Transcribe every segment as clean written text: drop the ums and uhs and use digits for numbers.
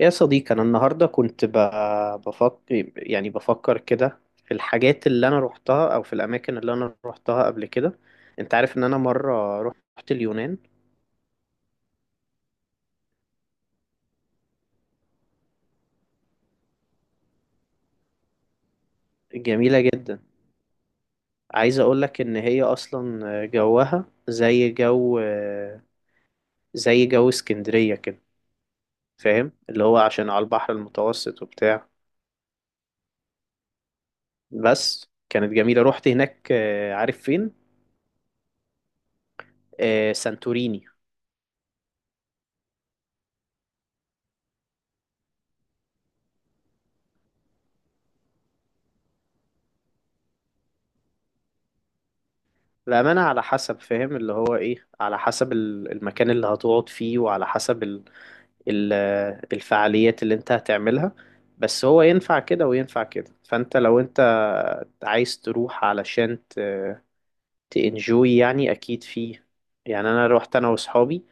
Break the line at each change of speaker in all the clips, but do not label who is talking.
يا صديقي أنا النهاردة كنت بفكر، يعني بفكر كده في الحاجات اللي أنا روحتها أو في الأماكن اللي أنا روحتها قبل كده. أنت عارف إن أنا مرة روحت اليونان. جميلة جدا. عايز أقولك إن هي أصلا جوها زي جو اسكندرية كده. فاهم اللي هو عشان على البحر المتوسط وبتاع. بس كانت جميلة، روحت هناك. عارف فين. سانتوريني. الأمانة على حسب، فاهم اللي هو إيه، على حسب المكان اللي هتقعد فيه، وعلى حسب ال ال الفعاليات اللي أنت هتعملها. بس هو ينفع كده وينفع كده. فأنت لو أنت عايز تروح علشان تنجوي يعني أكيد فيه. يعني أنا روحت أنا وأصحابي.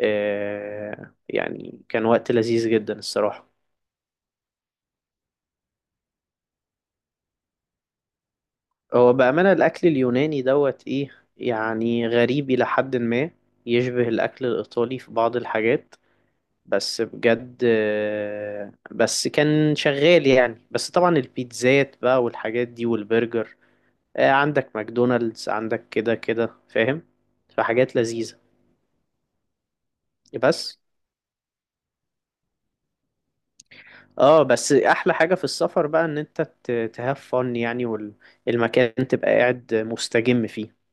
يعني كان وقت لذيذ جدا الصراحة. هو بأمانة الأكل اليوناني دوت إيه، يعني غريب إلى حد ما، يشبه الأكل الإيطالي في بعض الحاجات. بس بجد بس كان شغال يعني. بس طبعا البيتزات بقى والحاجات دي والبرجر، عندك ماكدونالدز عندك كده كده، فاهم. فحاجات لذيذة. بس اه، بس احلى حاجة في السفر بقى ان انت تهاف فن يعني، والمكان تبقى قاعد مستجم فيه.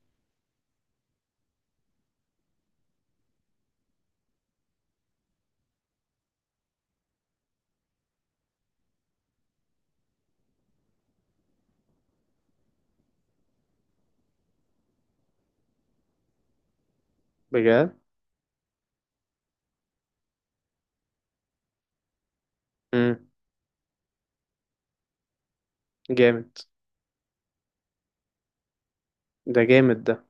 بجد. امم جامد. ده جامد ده.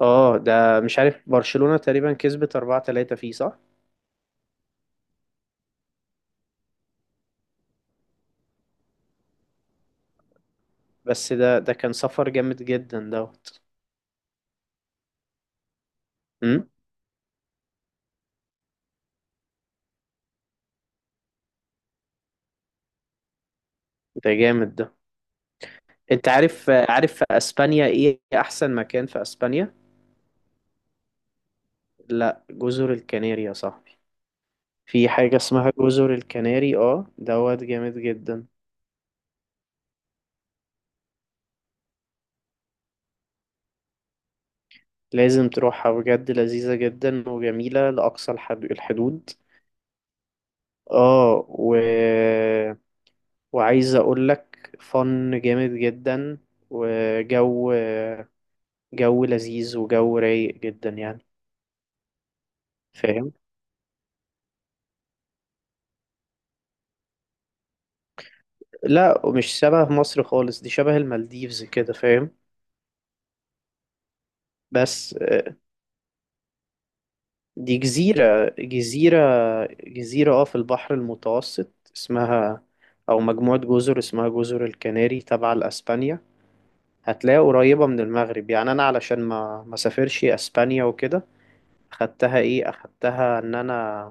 اه ده، مش عارف، برشلونة تقريبا كسبت 4-3 فيه صح؟ بس ده كان سفر جامد جدا دوت. ده جامد ده. انت عارف في اسبانيا ايه احسن مكان في اسبانيا؟ لا، جزر الكناري يا صاحبي. في حاجة اسمها جزر الكناري، اه دوت جامد جدا. لازم تروحها بجد، لذيذة جدا وجميلة لأقصى الحدود. اه و... وعايز اقول لك فن جامد جدا. وجو لذيذ وجو رايق جدا يعني. فاهم. لا ومش شبه مصر خالص، دي شبه المالديفز كده، فاهم. بس دي جزيرة. جزيرة اه، في البحر المتوسط، اسمها، أو مجموعة جزر اسمها جزر الكناري تبع لأسبانيا. هتلاقيها قريبة من المغرب. يعني أنا علشان ما سافرش أسبانيا وكده، أخدتها إيه، أخدتها إن أنا،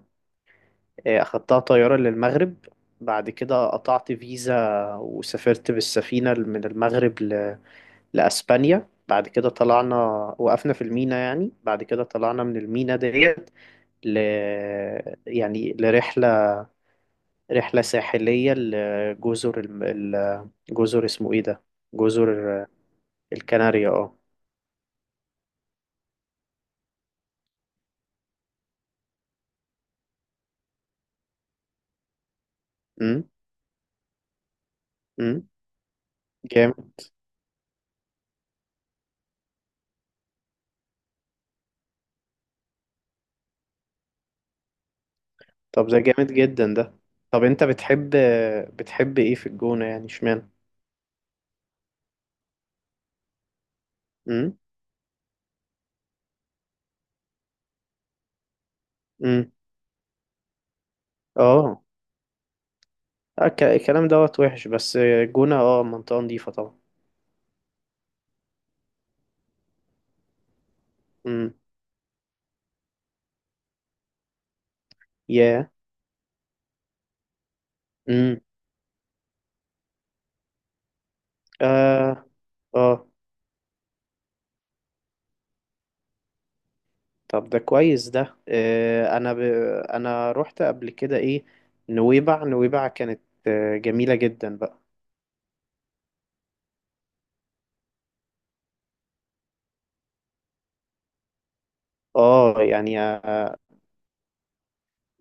أخدتها طيارة للمغرب. بعد كده قطعت فيزا وسافرت بالسفينة من المغرب ل... لأسبانيا. بعد كده طلعنا، وقفنا في المينا. يعني بعد كده طلعنا من المينا ديت ل... يعني لرحلة، رحلة ساحلية لجزر جزر اسمه ايه ده، جزر الكناريا اه. امم. امم. جامد. طب ده جامد جدا ده. طب انت بتحب ايه في الجونة يعني، اشمعنى؟ امم. امم. اه. الكلام دوت وحش، بس الجونة اه منطقة نظيفة طبعا. امم. يا. امم. اه. اه. طب ده كويس ده. انا ب... انا رحت قبل كده ايه، نويبع كانت جميلة جدا بقى. اه يعني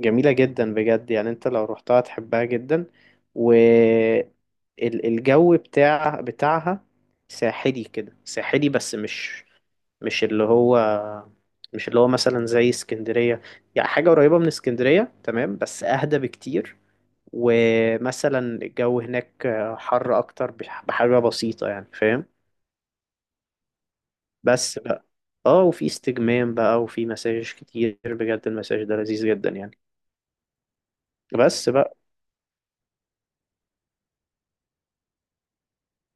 جميلة جدا بجد. يعني انت لو رحتها تحبها جدا. و الجو بتاعها ساحلي كده، ساحلي بس مش، مش اللي هو مش اللي هو مثلا زي اسكندرية. يعني حاجة قريبة من اسكندرية تمام بس اهدى بكتير. ومثلا الجو هناك حر اكتر بحاجة بسيطة يعني، فاهم. بس بقى اه، وفي استجمام بقى وفي مساج كتير، بجد المساج ده لذيذ جدا يعني. بس بقى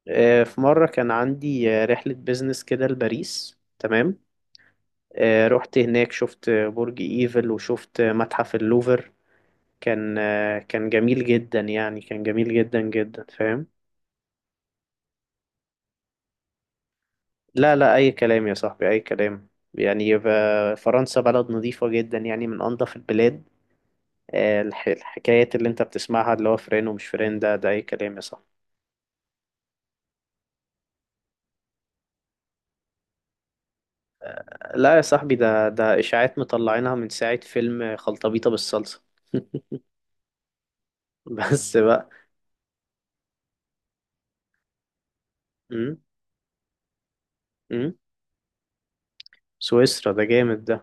في مرة كان عندي رحلة بيزنس كده لباريس، تمام. رحت هناك، شفت برج ايفل، وشفت متحف اللوفر. كان كان جميل جدا يعني، كان جميل جدا جدا، فاهم. لا لا، أي كلام يا صاحبي، أي كلام. يعني فرنسا بلد نظيفة جدا، يعني من أنظف البلاد. الحكايات اللي أنت بتسمعها اللي هو فرين ومش فرين، ده أي كلام يا صاحبي. لا يا صاحبي، ده إشاعات مطلعينها من ساعة فيلم خلطبيطة بالصلصة. بس بقى. أم؟ أم؟ سويسرا ده جامد ده.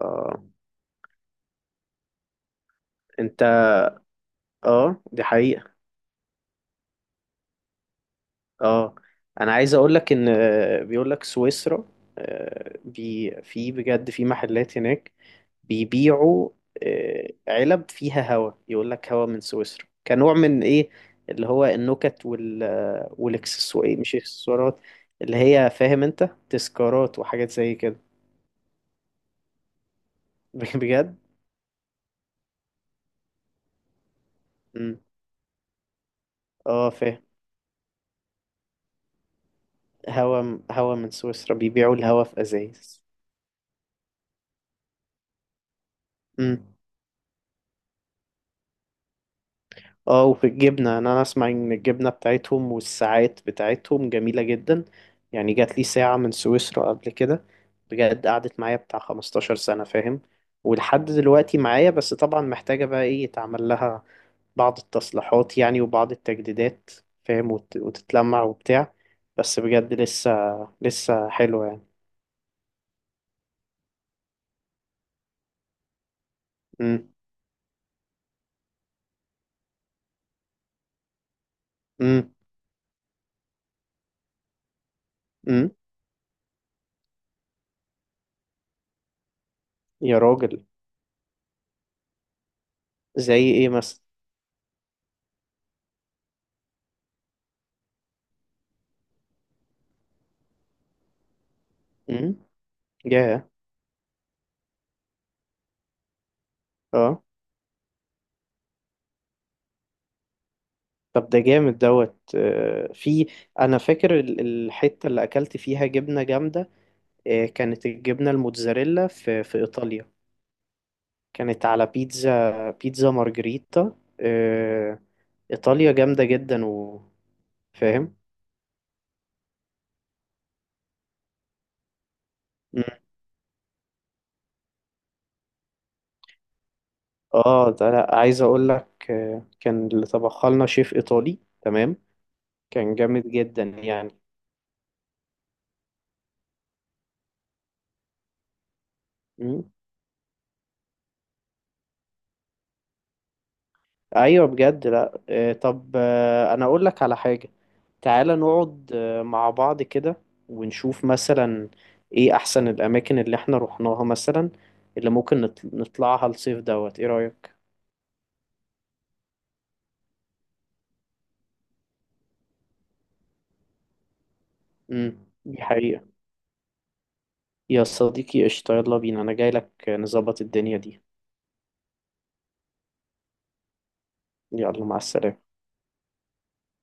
آه. أنت. آه دي حقيقة. آه أنا عايز أقول لك إن بيقول لك سويسرا، بي في، بجد في محلات هناك بيبيعوا علب فيها هوا، يقول لك هوا من سويسرا، كنوع من ايه اللي هو النكت وال والاكسسوار مش اكسسوارات، اللي هي، فاهم انت، تذكارات وحاجات زي كده. بجد. مم. اه فاهم. هوا، هوا من سويسرا، بيبيعوا الهوا في ازايز. مم. اه وفي الجبنة، أنا اسمع ان الجبنة بتاعتهم والساعات بتاعتهم جميلة جدا. يعني جات لي ساعة من سويسرا قبل كده، بجد قعدت معايا بتاع 15 سنة، فاهم، ولحد دلوقتي معايا. بس طبعا محتاجة بقى ايه، يتعمل لها بعض التصليحات يعني، وبعض التجديدات، فاهم، وتتلمع وبتاع. بس بجد لسه حلوة يعني. امم. امم. امم. يا راجل. زي ايه مثلا؟ امم. ياه. اه. طب ده جامد دوت في، انا فاكر الحته اللي اكلت فيها جبنه جامده، كانت الجبنه الموتزاريلا في في ايطاليا، كانت على بيتزا، بيتزا مارجريتا. ايطاليا جامده جدا، وفاهم. مم. اه ده، لا عايز اقول لك كان اللي طبخها لنا شيف ايطالي، تمام، كان جامد جدا يعني. ايوه بجد. لا طب انا اقول لك على حاجه، تعالى نقعد مع بعض كده، ونشوف مثلا ايه احسن الاماكن اللي احنا رحناها مثلا، اللي ممكن نطلعها الصيف دوت، ايه رايك؟ امم. دي حقيقه. يا صديقي قشطه، يلا بينا، انا جاي لك نظبط الدنيا دي. يلا، مع السلامه.